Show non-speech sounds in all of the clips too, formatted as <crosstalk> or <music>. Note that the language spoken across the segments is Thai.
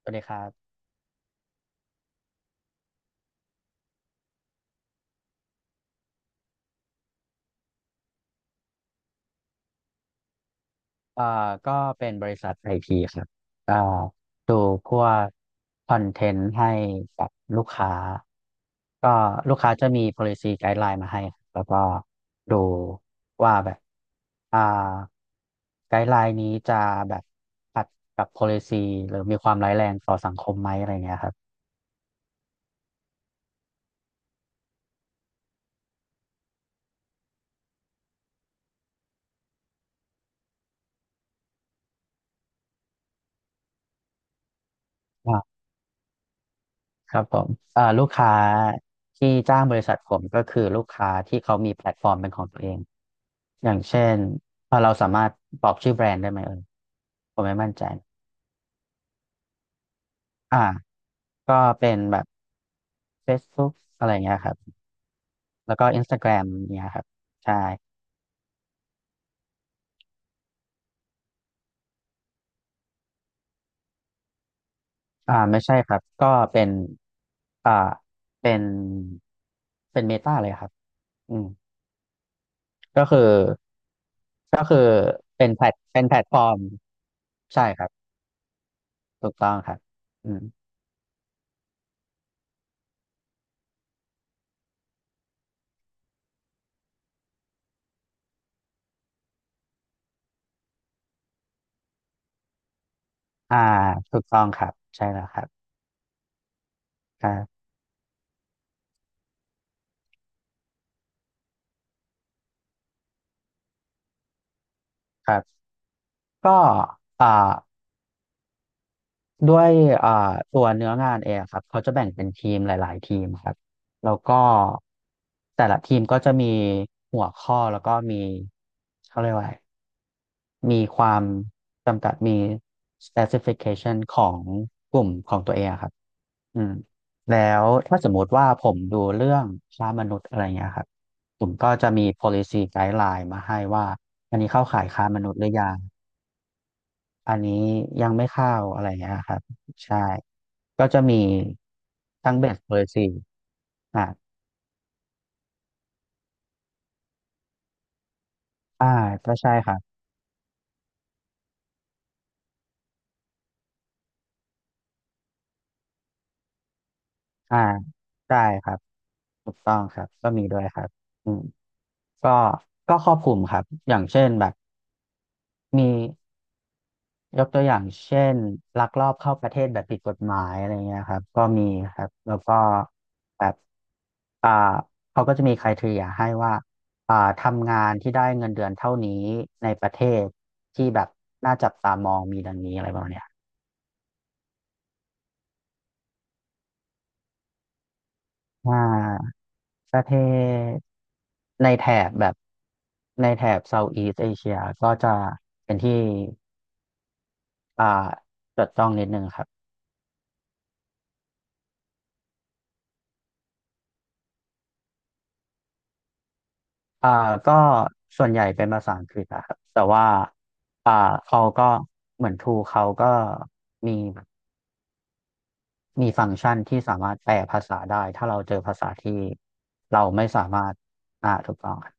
สวัสดีครับเอ่อก็เป็นบริษัทไอพีครับเอ่อดูพวกคอนเทนต์ให้กับลูกค้าก็ลูกค้าจะมี policy guideline มาให้ครับแล้วก็ดูว่าแบบอ่า guideline นี้จะแบบขัดกับ policy หรือมีความร้ายแรงต่อสังคมไหมอะไรเงี้ยครับ ครับผมลูกค้าที่จ้างบริษัทผมก็คือลูกค้าที่เขามีแพลตฟอร์มเป็นของตัวเอง อย่างเช่นเราสามารถบอกชื่อแบรนด์ได้ไหมเอ่ยผมไม่มั่นใจอ่าก็เป็นแบบ Facebook อะไรเงี้ยครับ แล้วก็ Instagram เนี่ยครับ ใช่ไม่ใช่ครับ ก็เป็นอ่าเป็นเป็นเมตาเลยครับอืมก็คือก็คือเป็นแพลตเป็นแพลตฟอร์ม ใช่ครับ ถูกต้องครับอืม อ่าถูกต้องครับใช่แล้วครับครับครับก็อ่าด้วยอ่าตัวเนื้องานเองครับเขาจะแบ่งเป็นทีมหลายๆทีมครับแล้วก็แต่ละทีมก็จะมีหัวข้อแล้วก็มีเขาเรียกว่าอะไรมีความจำกัดมี specification ของกลุ่มของตัวเองอะครับ อืมแล้วถ้าสมมติว่าผมดูเรื่องค้ามนุษย์อะไรเงี้ยครับผมก็จะมี policy guideline มาให้ว่าอันนี้เข้าข่ายค้ามนุษย์หรือยังอันนี้ยังไม่เข้าอะไรเงี้ยครับใช่ก็จะมีทั้ง base policy อ่าอ่าก็ใช่ครับอ่าได้ครับถูกต้องครับก็มีด้วยครับอืมก็ก็ครอบคลุมครับอย่างเช่นแบบมี ยกตัวอย่างเช่นลักลอบเข้าประเทศแบบผิดกฎหมายอะไรเงี้ยครับก็มีครับแล้วก็แบบอ่าเขาก็จะมี criteria ให้ว่าทำงานที่ได้เงินเดือนเท่านี้ในประเทศที่แบบน่าจับตามองมีดังนี้อะไรประมาณเนี้ยอ่าประเทศในแถบแบบในแถบเซาท์อีสเอเชียก็จะเป็นที่อ่าจดจ้องนิดนึงครับ อ่าก็ส่วนใหญ่เป็นภาษาอังกฤษอะครับแต่ว่าอ่าเขาก็เหมือนทูเขาก็มีมีฟังก์ชันที่สามารถแปลภาษาได้ถ้าเราเจอภาษาที่เราไม่สามารถถูกต้องครับ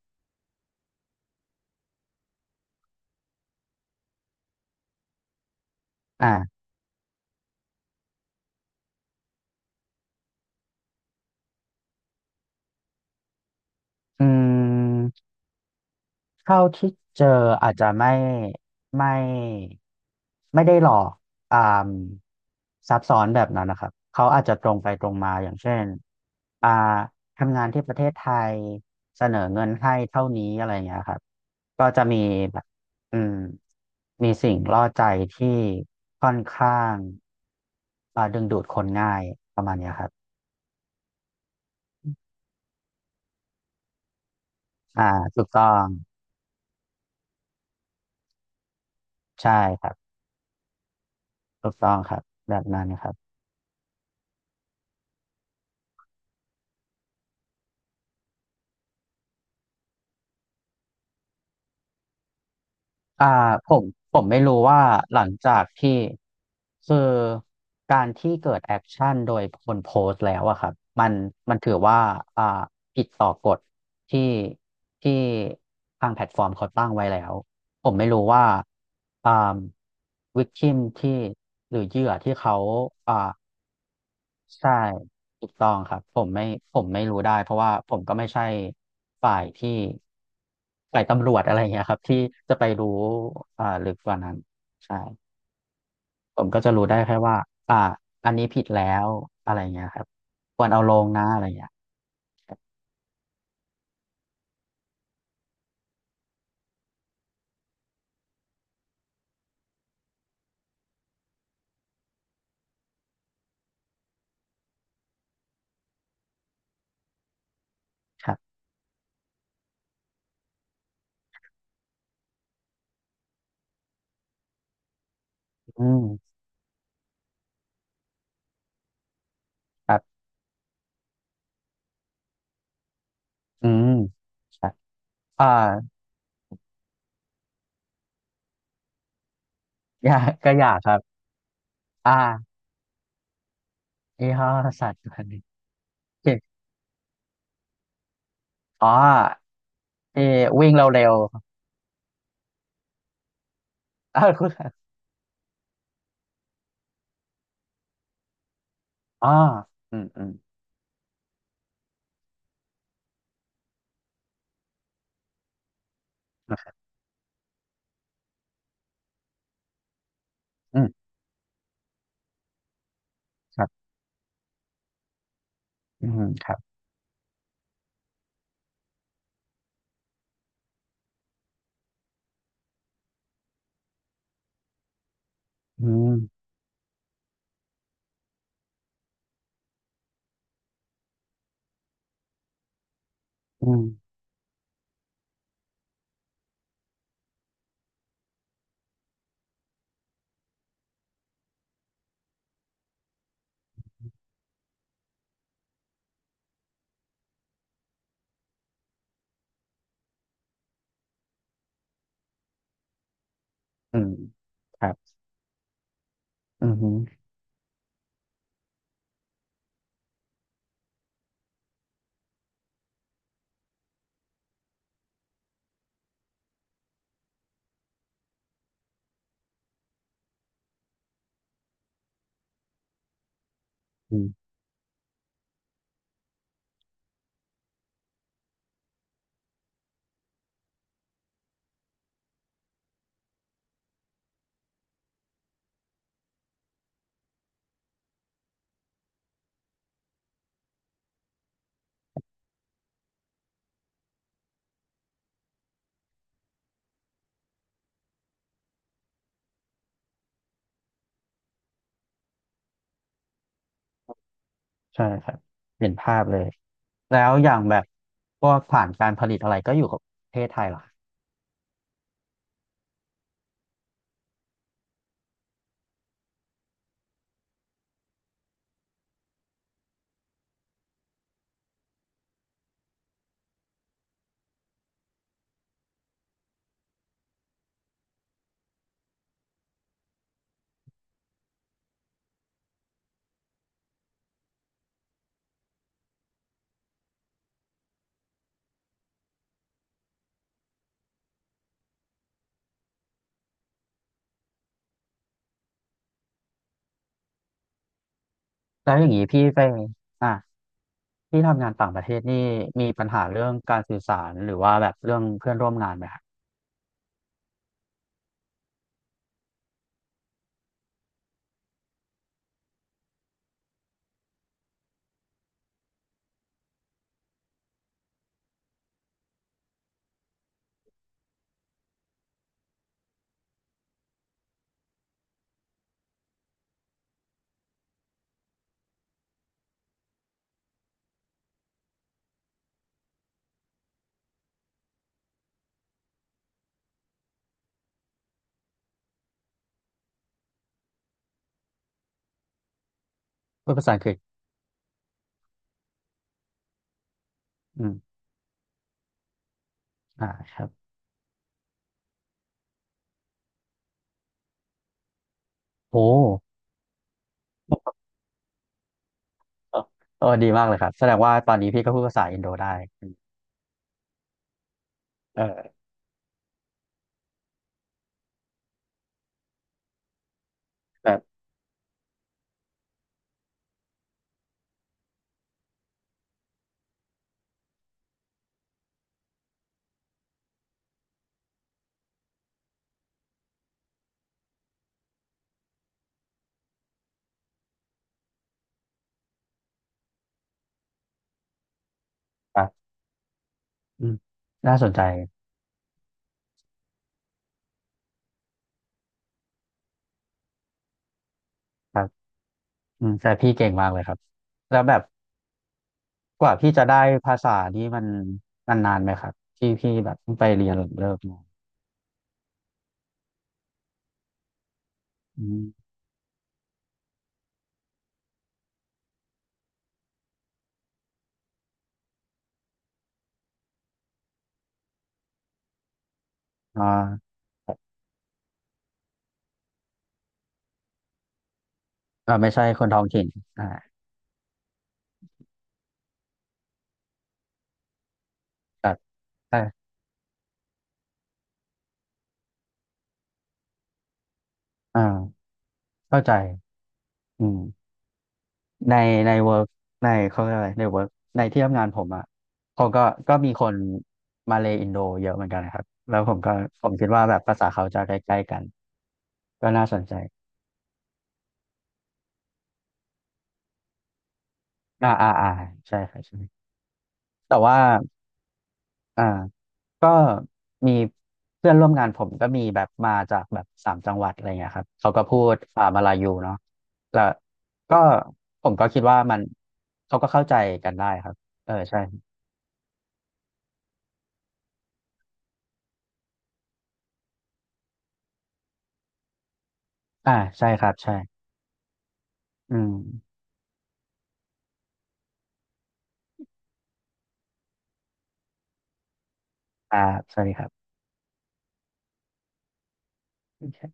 อ่าอืม เท่าที่เจออาจจะไม่ไม่ได้หลอกอ่ามซับซ้อนแบบนั้นนะครับเขาอาจจะตรงไปตรงมาอย่างเช่นอ่าทำงานที่ประเทศไทยเสนอเงินให้เท่านี้อะไรอย่างเงี้ยครับก็จะมีแบบอืมมีสิ่งล่อใจที่ค่อนข้างดึงดูดคนง่ายประมาณเนี้ยครับอ่าถูกต้องใช่ครับถูกต้องครับแบบนั้นครับ อ่าผมผมไม่รู้ว่าหลังจากที่คือการที่เกิดแอคชั่นโดยคนโพสต์แล้วอะครับมันมันถือว่าอ่าผิดต่อกฎที่ที่ทางแพลตฟอร์มเขาตั้งไว้แล้วผมไม่รู้ว่าอ่าวิกทิมที่หรือเหยื่อที่เขาอ่า ใช่ถูกต้องครับผมไม่รู้ได้เพราะว่าผมก็ไม่ใช่ฝ่ายที่ฝ่ายตำรวจอะไรเงี้ยครับที่จะไปรู้ลึกกว่านั้นใช่ผมก็จะรู้ได้แค่ว่าอ่าอันนี้ผิดแล้วอะไรเงี้ยครับควรเอาลงนะอะไรเงี้ยครับอืมครับอืมครับอ่า <laughs> อยากก็อยากครับอ่ายี่ห้อสัตว์ตัวหนี้อ๋อที่วิ่งเร็วๆ <laughs>  <laughs> วคุณอ๋ออืมอืมอืม อืมครับอืมอืมอืมครับอืมอืมใช่ครับเห็นภาพเลย แล้วอย่างแบบพวกฐานการผลิตอะไรก็อยู่กับประเทศไทยเหรอครับแล้วอย่างนี้พี่ไปอ่ะพี่ทำงานต่างประเทศนี่มีปัญหาเรื่องการสื่อสารหรือว่าแบบเรื่องเพื่อนร่วมงานไหมครับพูดภาษาอังกฤษอืมอ่าครับโอ้เออดีมากเลยครับ แสดงว่าตอนนี้พี่ก็พูดภาษาอินโดได้เออแบบอ่ะอืมน่าสนใจครับ อืมแต่พี่เก่งมากเลยครับแล้วแบบกว่าพี่จะได้ภาษานี่มันมันนานไหมครับที่พี่แบบเพิ่งไปเรียนหลังเลิกมาอืมอ่าอ่าไม่ใช่คนท้องถิ่นอ่าครับใช่อ่าเข้าใจอืมในในเวิร์กในเขาเรียกอะไรในเวิร์กในที่ทำงานผมอ่ะเขาก็มีคนมาเลอินโดเยอะเหมือนกันนะครับแล้วผมก็ผมคิดว่าแบบภาษาเขาจะใกล้ๆกันก็น่าสนใจอ่าอ่าอ่าใช่ครับใช่แต่ว่าอ่า ก็มีเพื่อนร่วมงานผมก็มีแบบมาจากแบบสามจังหวัดอะไรเงี้ยครับเขาก็พูดมาลายูเนาะแล้วก็ผมก็คิดว่ามันเขาก็เข้าใจกันได้ครับเออใช่อ่าใช่ครับใช่อืมอ่าสวัสดีครับ